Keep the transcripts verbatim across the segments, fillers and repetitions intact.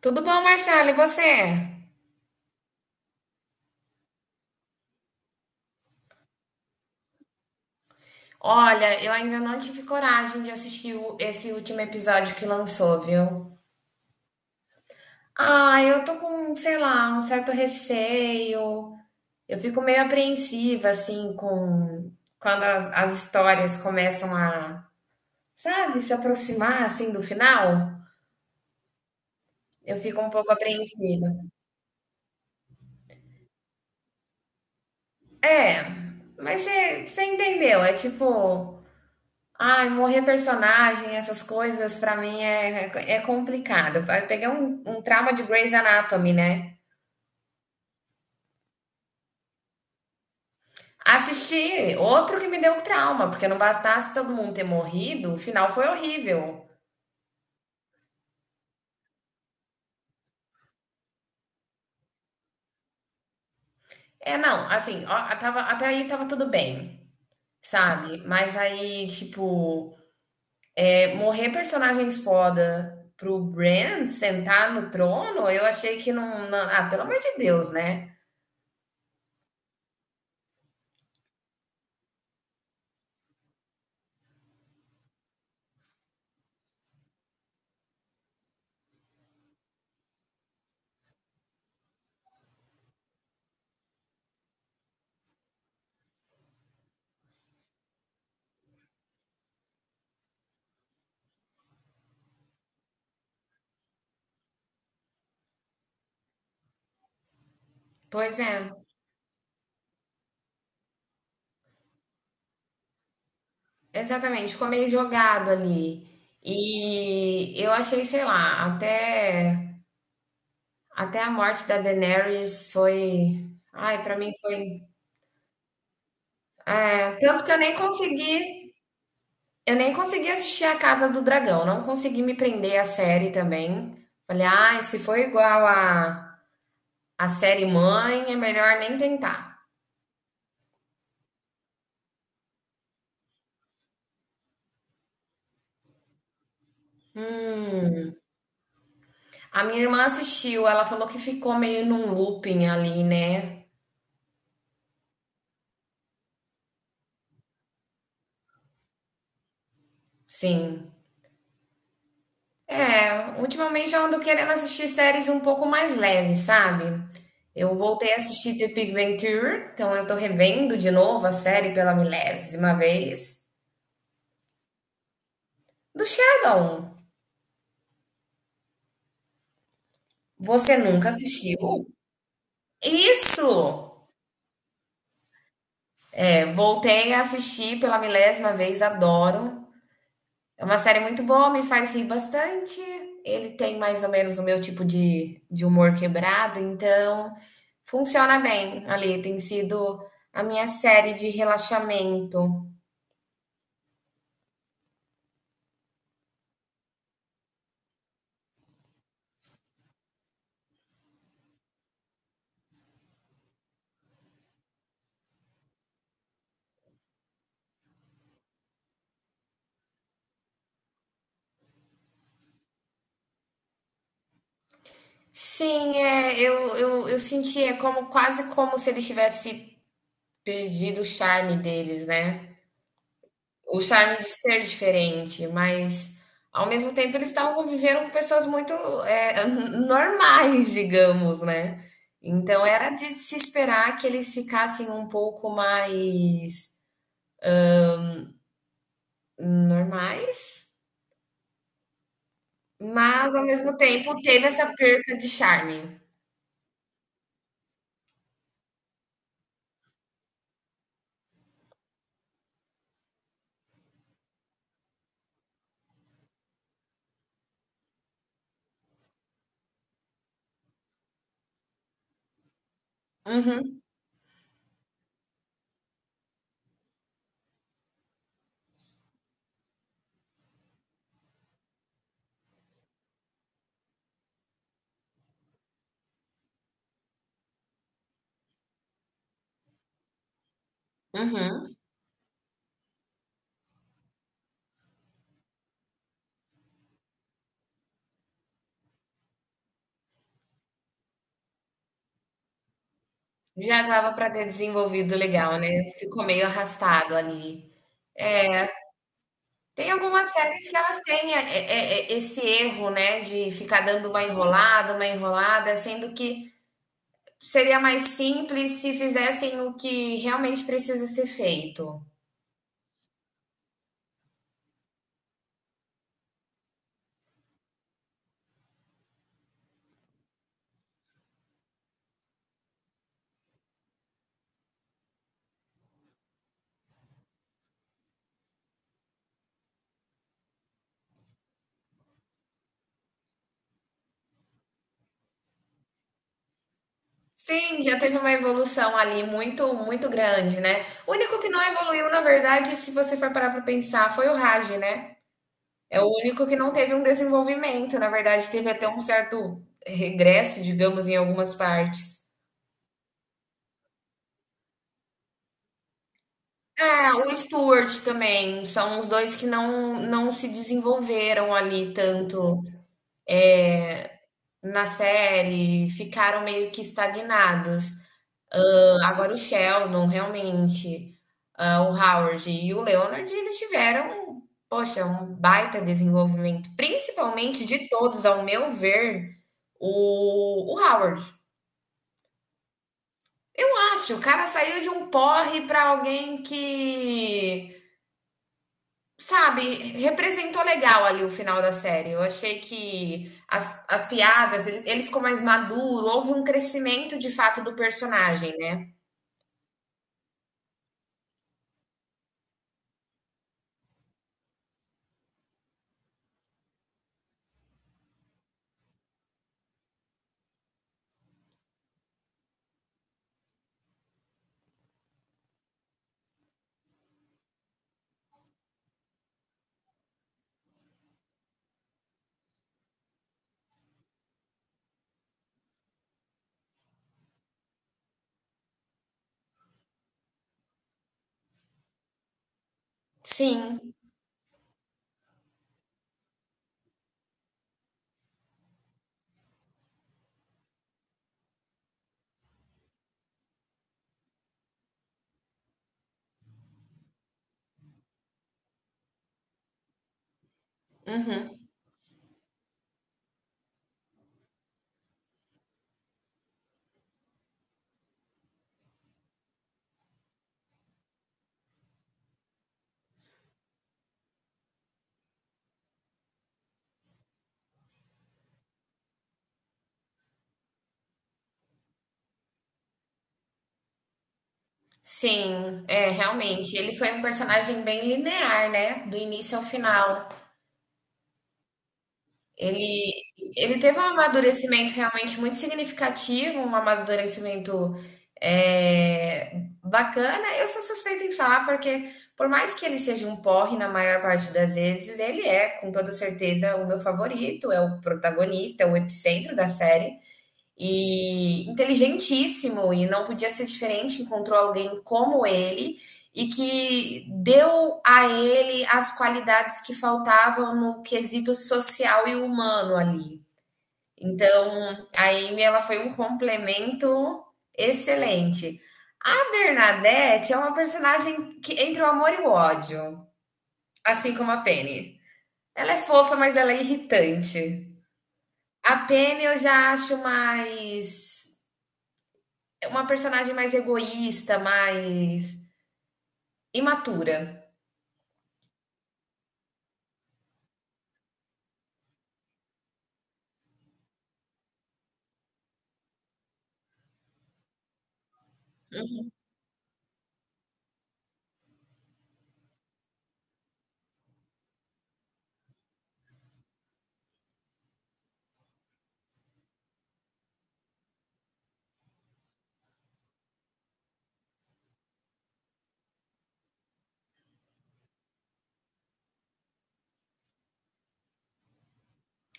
Tudo bom, Marcelo? E você? Olha, eu ainda não tive coragem de assistir o- esse último episódio que lançou, viu? Ah, eu tô com, sei lá, um certo receio. Eu fico meio apreensiva, assim, com quando as, as histórias começam a, sabe, se aproximar, assim, do final. Eu fico um pouco apreensiva. É, mas você você entendeu? É tipo. Ai, morrer personagem, essas coisas, pra mim é, é complicado. Eu peguei um, um trauma de Grey's Anatomy, né? Assisti outro que me deu um trauma, porque não bastasse todo mundo ter morrido, o final foi horrível. É, não, assim, ó, tava, até aí tava tudo bem, sabe? Mas aí, tipo, é, morrer personagens foda pro Bran sentar no trono, eu achei que não, não. Ah, pelo amor de Deus, né? Pois é. Exatamente, ficou meio jogado ali. E eu achei, sei lá, até, até a morte da Daenerys foi. Ai, pra mim foi. É, tanto que eu nem consegui. Eu nem consegui assistir A Casa do Dragão, não consegui me prender à série também. Falei, ai, se for igual a, a série mãe, é melhor nem tentar. Hum. A minha irmã assistiu, ela falou que ficou meio num looping ali, né? Sim. É, ultimamente eu ando querendo assistir séries um pouco mais leves, sabe? Eu voltei a assistir The Big Bang Theory, então eu tô revendo de novo a série pela milésima vez. Do Sheldon, você nunca assistiu? Isso! É, voltei a assistir pela milésima vez, adoro. É uma série muito boa, me faz rir bastante. Ele tem mais ou menos o meu tipo de, de humor quebrado, então funciona bem ali. Tem sido a minha série de relaxamento. Sim, é, eu, eu, eu sentia como quase como se ele tivesse perdido o charme deles, né? O charme de ser diferente, mas ao mesmo tempo eles estavam convivendo com pessoas muito, eh, normais, digamos, né. Então era de se esperar que eles ficassem um pouco mais normais, mas ao mesmo tempo teve essa perca de charme. Uhum, uhum. Já dava para ter desenvolvido legal, né, ficou meio arrastado ali. Tem algumas séries que elas têm é, é, é, esse erro, né, de ficar dando uma enrolada, uma enrolada, sendo que seria mais simples se fizessem o que realmente precisa ser feito. Sim, já teve uma evolução ali muito, muito grande, né? O único que não evoluiu, na verdade, se você for parar para pensar, foi o Raj, né? É o único que não teve um desenvolvimento, na verdade, teve até um certo regresso, digamos, em algumas partes. É, o Stuart também. São os dois que não, não se desenvolveram ali tanto na série, ficaram meio que estagnados. Agora o Sheldon, realmente, ah, o Howard e o Leonard, eles tiveram, poxa, um baita desenvolvimento. Principalmente de todos, ao meu ver, o, o Howard. Acho, o cara saiu de um porre para alguém que sabe, representou legal ali o final da série. Eu achei que as, as piadas, eles, ele ficou mais maduro, houve um crescimento de fato do personagem, né? Sim, uhum, sim, é, realmente. Ele foi um personagem bem linear, né? Do início ao final. Ele, ele teve um amadurecimento realmente muito significativo, um amadurecimento é, bacana. Eu sou suspeita em falar, porque por mais que ele seja um porre na maior parte das vezes, ele é, com toda certeza, o meu favorito, é o protagonista, é o epicentro da série e inteligentíssimo e não podia ser diferente, encontrou alguém como ele e que deu a ele as qualidades que faltavam no quesito social e humano ali. Então, a Amy ela foi um complemento excelente. A Bernadette é uma personagem que entre o amor e o ódio, assim como a Penny. Ela é fofa, mas ela é irritante. A Penny eu já acho mais uma personagem mais egoísta, mais imatura.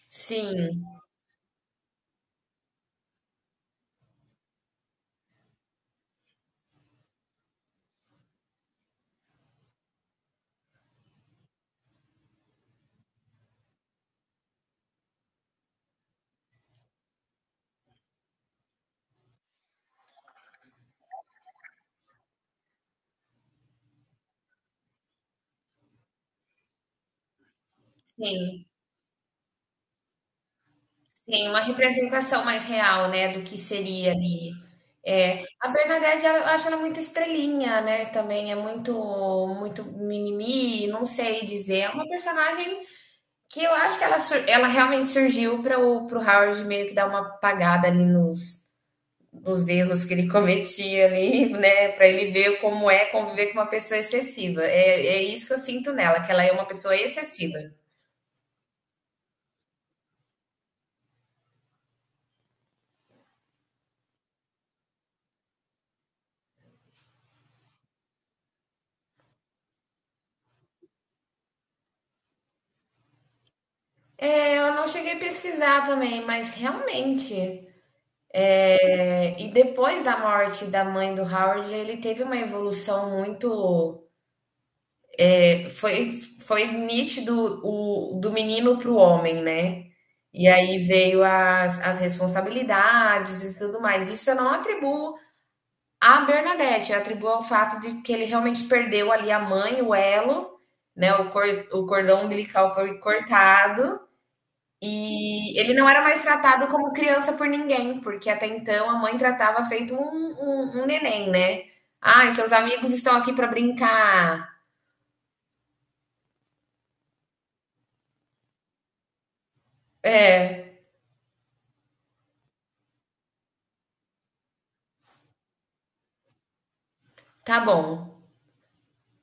Sim, sim, sim, uma representação mais real, né, do que seria ali. É, a Bernadette, ela- eu acho ela muito estrelinha, né, também é muito muito mimimi, não sei dizer. É uma personagem que eu acho que ela, sur- ela realmente surgiu para o pro Howard meio que dar uma apagada ali nos dos erros que ele cometia ali, né, para ele ver como é conviver com uma pessoa excessiva. É, é isso que eu sinto nela, que ela é uma pessoa excessiva. É, eu não cheguei a pesquisar também, mas realmente. É, e depois da morte da mãe do Howard, ele teve uma evolução muito. é, foi, foi nítido o, do menino para o homem, né? E aí veio as, as responsabilidades e tudo mais. Isso eu não atribuo. A Bernadette atribui ao fato de que ele realmente perdeu ali a mãe, o elo, né? O, cor, o cordão umbilical foi cortado e ele não era mais tratado como criança por ninguém, porque até então a mãe tratava feito um, um, um neném, né? Ai, seus amigos estão aqui para brincar. É, tá bom.